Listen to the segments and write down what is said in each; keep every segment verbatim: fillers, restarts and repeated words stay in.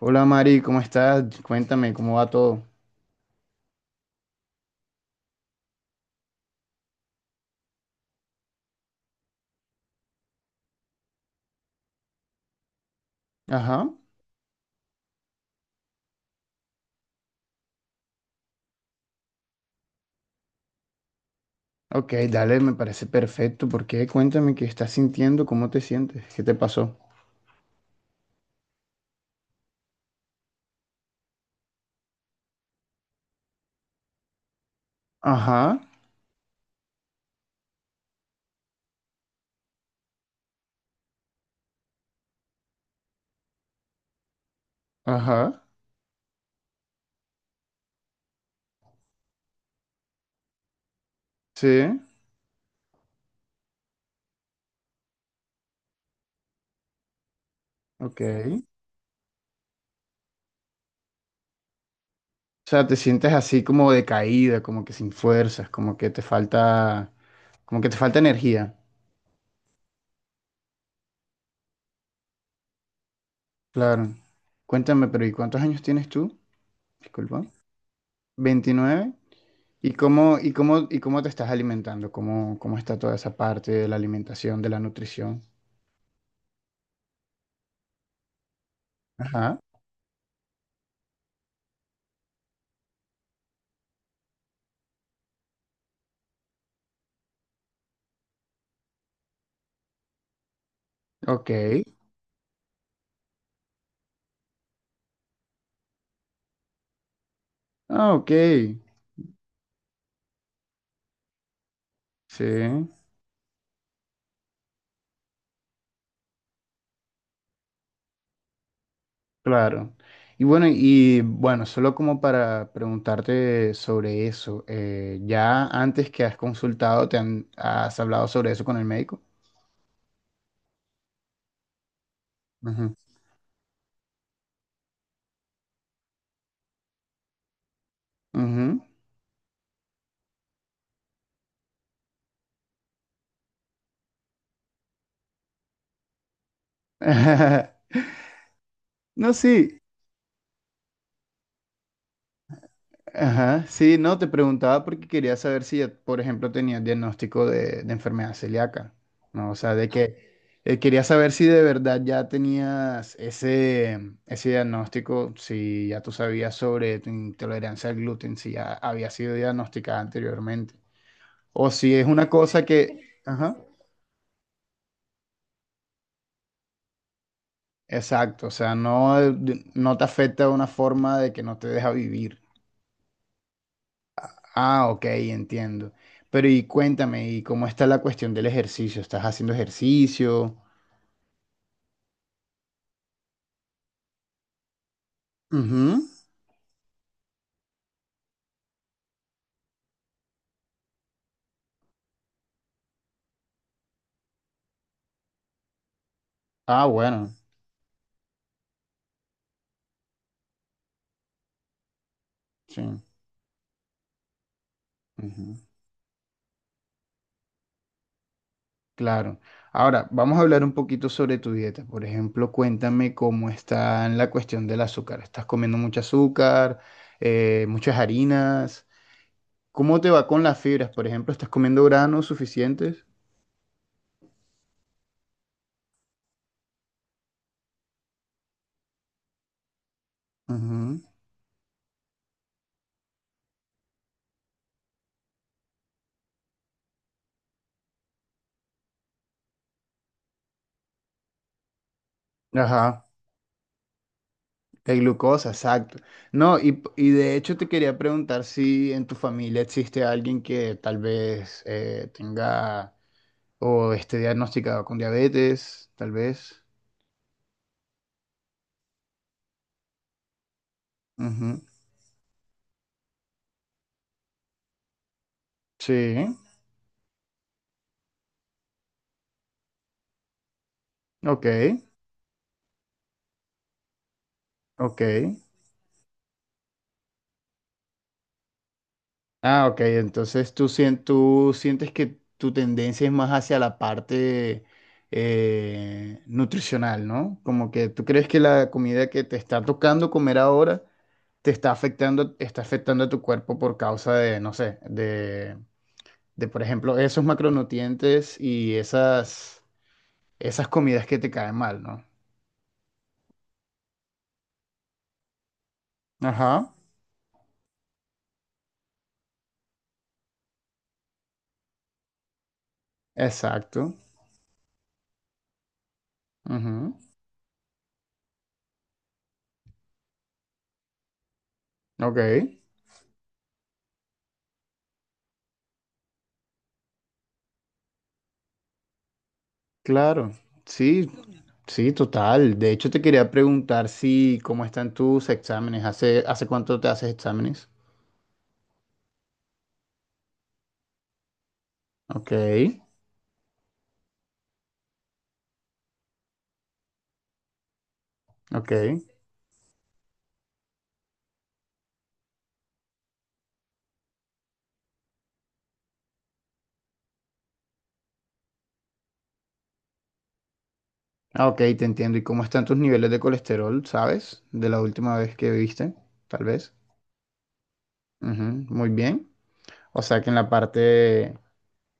Hola Mari, ¿cómo estás? Cuéntame, ¿cómo va todo? Ajá. Ok, dale, me parece perfecto. ¿Por qué? Cuéntame qué estás sintiendo, cómo te sientes, qué te pasó. Ajá, ajá, sí, ok. O sea, te sientes así como decaída, como que sin fuerzas, como que te falta, como que te falta energía. Claro. Cuéntame, pero ¿y cuántos años tienes tú? Disculpa. Veintinueve. ¿Y cómo, y cómo, y cómo te estás alimentando? ¿Cómo, cómo está toda esa parte de la alimentación, de la nutrición? Ajá. Ok, ah, ok, sí, claro. Y bueno, y bueno, solo como para preguntarte sobre eso, eh, ¿ya antes que has consultado te han, has hablado sobre eso con el médico? Ujú, ujú. No, sí. Ajá, sí, no, te preguntaba porque quería saber si, ya, por ejemplo, tenías diagnóstico de, de enfermedad celíaca, ¿no? O sea, de que eh, quería saber si de verdad ya tenías ese, ese diagnóstico, si ya tú sabías sobre tu intolerancia al gluten, si ya había sido diagnosticada anteriormente, o si es una cosa que, ajá, exacto, o sea, no, no te afecta de una forma de que no te deja vivir. Ah, ok, entiendo. Pero y cuéntame, ¿y cómo está la cuestión del ejercicio? ¿Estás haciendo ejercicio? Ujú. Ah, bueno, sí, ujú, claro. Ahora, vamos a hablar un poquito sobre tu dieta. Por ejemplo, cuéntame cómo está en la cuestión del azúcar. ¿Estás comiendo mucho azúcar, eh, muchas harinas? ¿Cómo te va con las fibras? Por ejemplo, ¿estás comiendo granos suficientes? Ujú. Ajá. De glucosa, exacto. No, y, y de hecho te quería preguntar si en tu familia existe alguien que tal vez eh, tenga o esté diagnosticado con diabetes, tal vez. Ujú. Sí, ok, ok. Ah, ok, entonces tú, sien- tú sientes que tu tendencia es más hacia la parte eh, nutricional, ¿no? Como que tú crees que la comida que te está tocando comer ahora te está afectando, está afectando a tu cuerpo por causa de, no sé, de, de por ejemplo, esos macronutrientes y esas, esas comidas que te caen mal, ¿no? Ajá, exacto. Ujú, ok, claro. Sí, sí, total. De hecho, te quería preguntar si cómo están tus exámenes. ¿Hace, hace cuánto te haces exámenes? Ok, ok. Ah, ok, te entiendo. ¿Y cómo están tus niveles de colesterol, sabes? De la última vez que viste, tal vez. Ujú, muy bien. O sea que en la parte,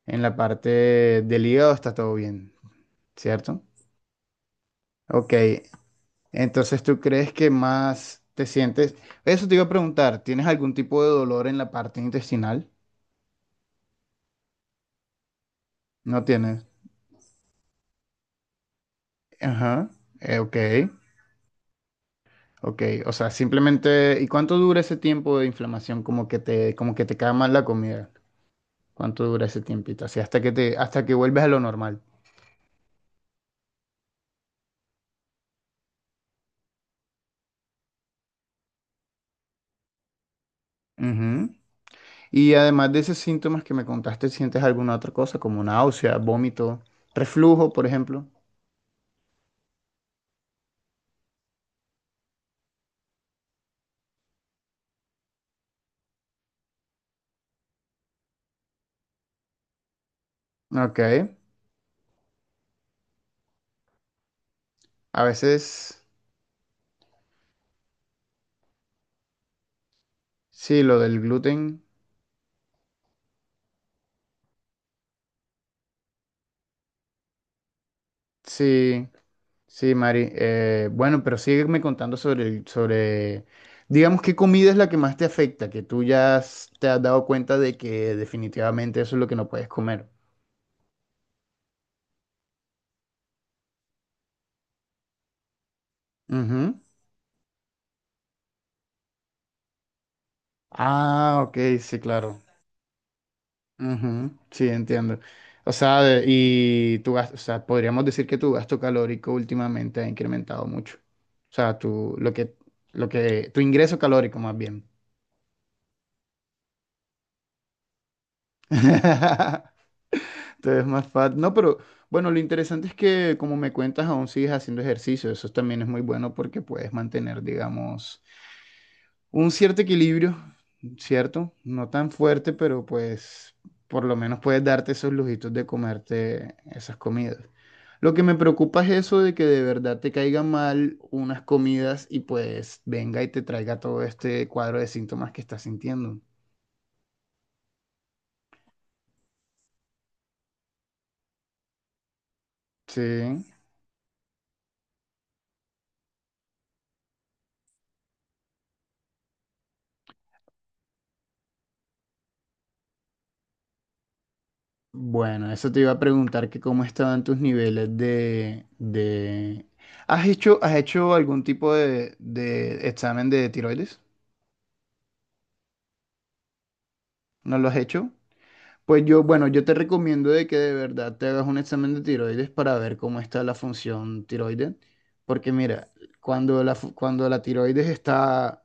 en la parte del hígado está todo bien, ¿cierto? Ok. Entonces, ¿tú crees que más te sientes? Eso te iba a preguntar. ¿Tienes algún tipo de dolor en la parte intestinal? No tienes. Ajá, eh, ok, ok. O sea, simplemente, ¿y cuánto dura ese tiempo de inflamación? Como que te, como que te cae mal la comida. ¿Cuánto dura ese tiempito? Así hasta que te, hasta que vuelves a lo normal. Ujú. Y además de esos síntomas que me contaste, ¿sientes alguna otra cosa como náusea, vómito, reflujo, por ejemplo? Ok. A veces, sí, lo del gluten, sí. Sí, Mari. Eh, bueno, pero sígueme contando sobre, el- sobre, digamos, qué comida es la que más te afecta, que tú ya has- te has dado cuenta de que definitivamente eso es lo que no puedes comer. Ujú. Ah, ok, sí, claro. Ujú, sí, entiendo. O sea, de- y tu gas- o sea, podríamos decir que tu gasto calórico últimamente ha incrementado mucho. O sea, tu, lo que, lo que, tu ingreso calórico más bien. Te ves más fat. No, pero bueno, lo interesante es que como me cuentas, aún sigues haciendo ejercicio. Eso también es muy bueno porque puedes mantener, digamos, un cierto equilibrio, ¿cierto? No tan fuerte, pero pues por lo menos puedes darte esos lujitos de comerte esas comidas. Lo que me preocupa es eso de que de verdad te caiga mal unas comidas y pues venga y te traiga todo este cuadro de síntomas que estás sintiendo. Sí. Bueno, eso te iba a preguntar que cómo estaban tus niveles de, de... ¿Has hecho, has hecho algún tipo de, de examen de tiroides? ¿No lo has hecho? Pues yo, bueno, yo te recomiendo de que de verdad te hagas un examen de tiroides para ver cómo está la función tiroides. Porque mira, cuando la, fu- cuando la tiroides está,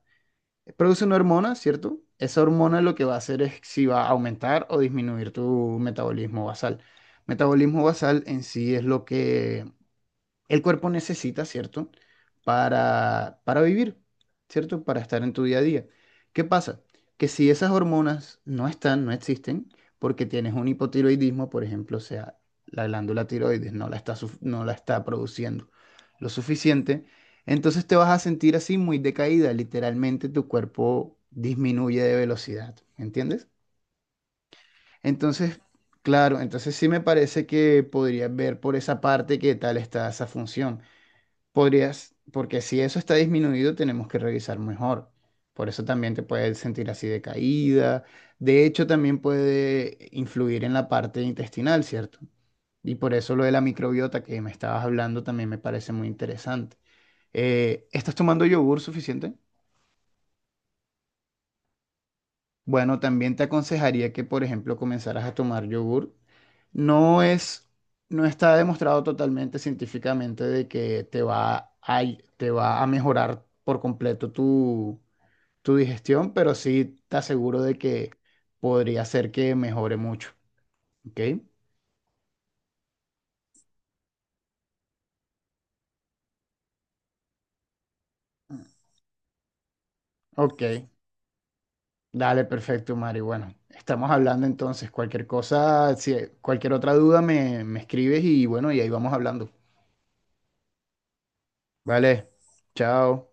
produce una hormona, ¿cierto? Esa hormona lo que va a hacer es si va a aumentar o disminuir tu metabolismo basal. Metabolismo basal en sí es lo que el cuerpo necesita, ¿cierto? Para, para vivir, ¿cierto? Para estar en tu día a día. ¿Qué pasa? Que si esas hormonas no están, no existen, porque tienes un hipotiroidismo, por ejemplo, o sea, la glándula tiroides no la está, suf- no la está produciendo lo suficiente, entonces te vas a sentir así muy decaída, literalmente tu cuerpo disminuye de velocidad, ¿entiendes? Entonces, claro, entonces sí me parece que podrías ver por esa parte qué tal está esa función. Podrías, porque si eso está disminuido, tenemos que revisar mejor. Por eso también te puedes sentir así de caída. De hecho, también puede influir en la parte intestinal, ¿cierto? Y por eso lo de la microbiota que me estabas hablando también me parece muy interesante. Eh, ¿estás tomando yogur suficiente? Bueno, también te aconsejaría que, por ejemplo, comenzaras a tomar yogur. No es, no está demostrado totalmente científicamente de que te va a, te va a mejorar por completo tu, tu digestión, pero sí te aseguro de que podría ser que mejore mucho. ¿Ok? Ok. Dale, perfecto, Mari. Bueno, estamos hablando entonces. Cualquier cosa, si cualquier otra duda me, me escribes y bueno, y ahí vamos hablando. Vale. Chao.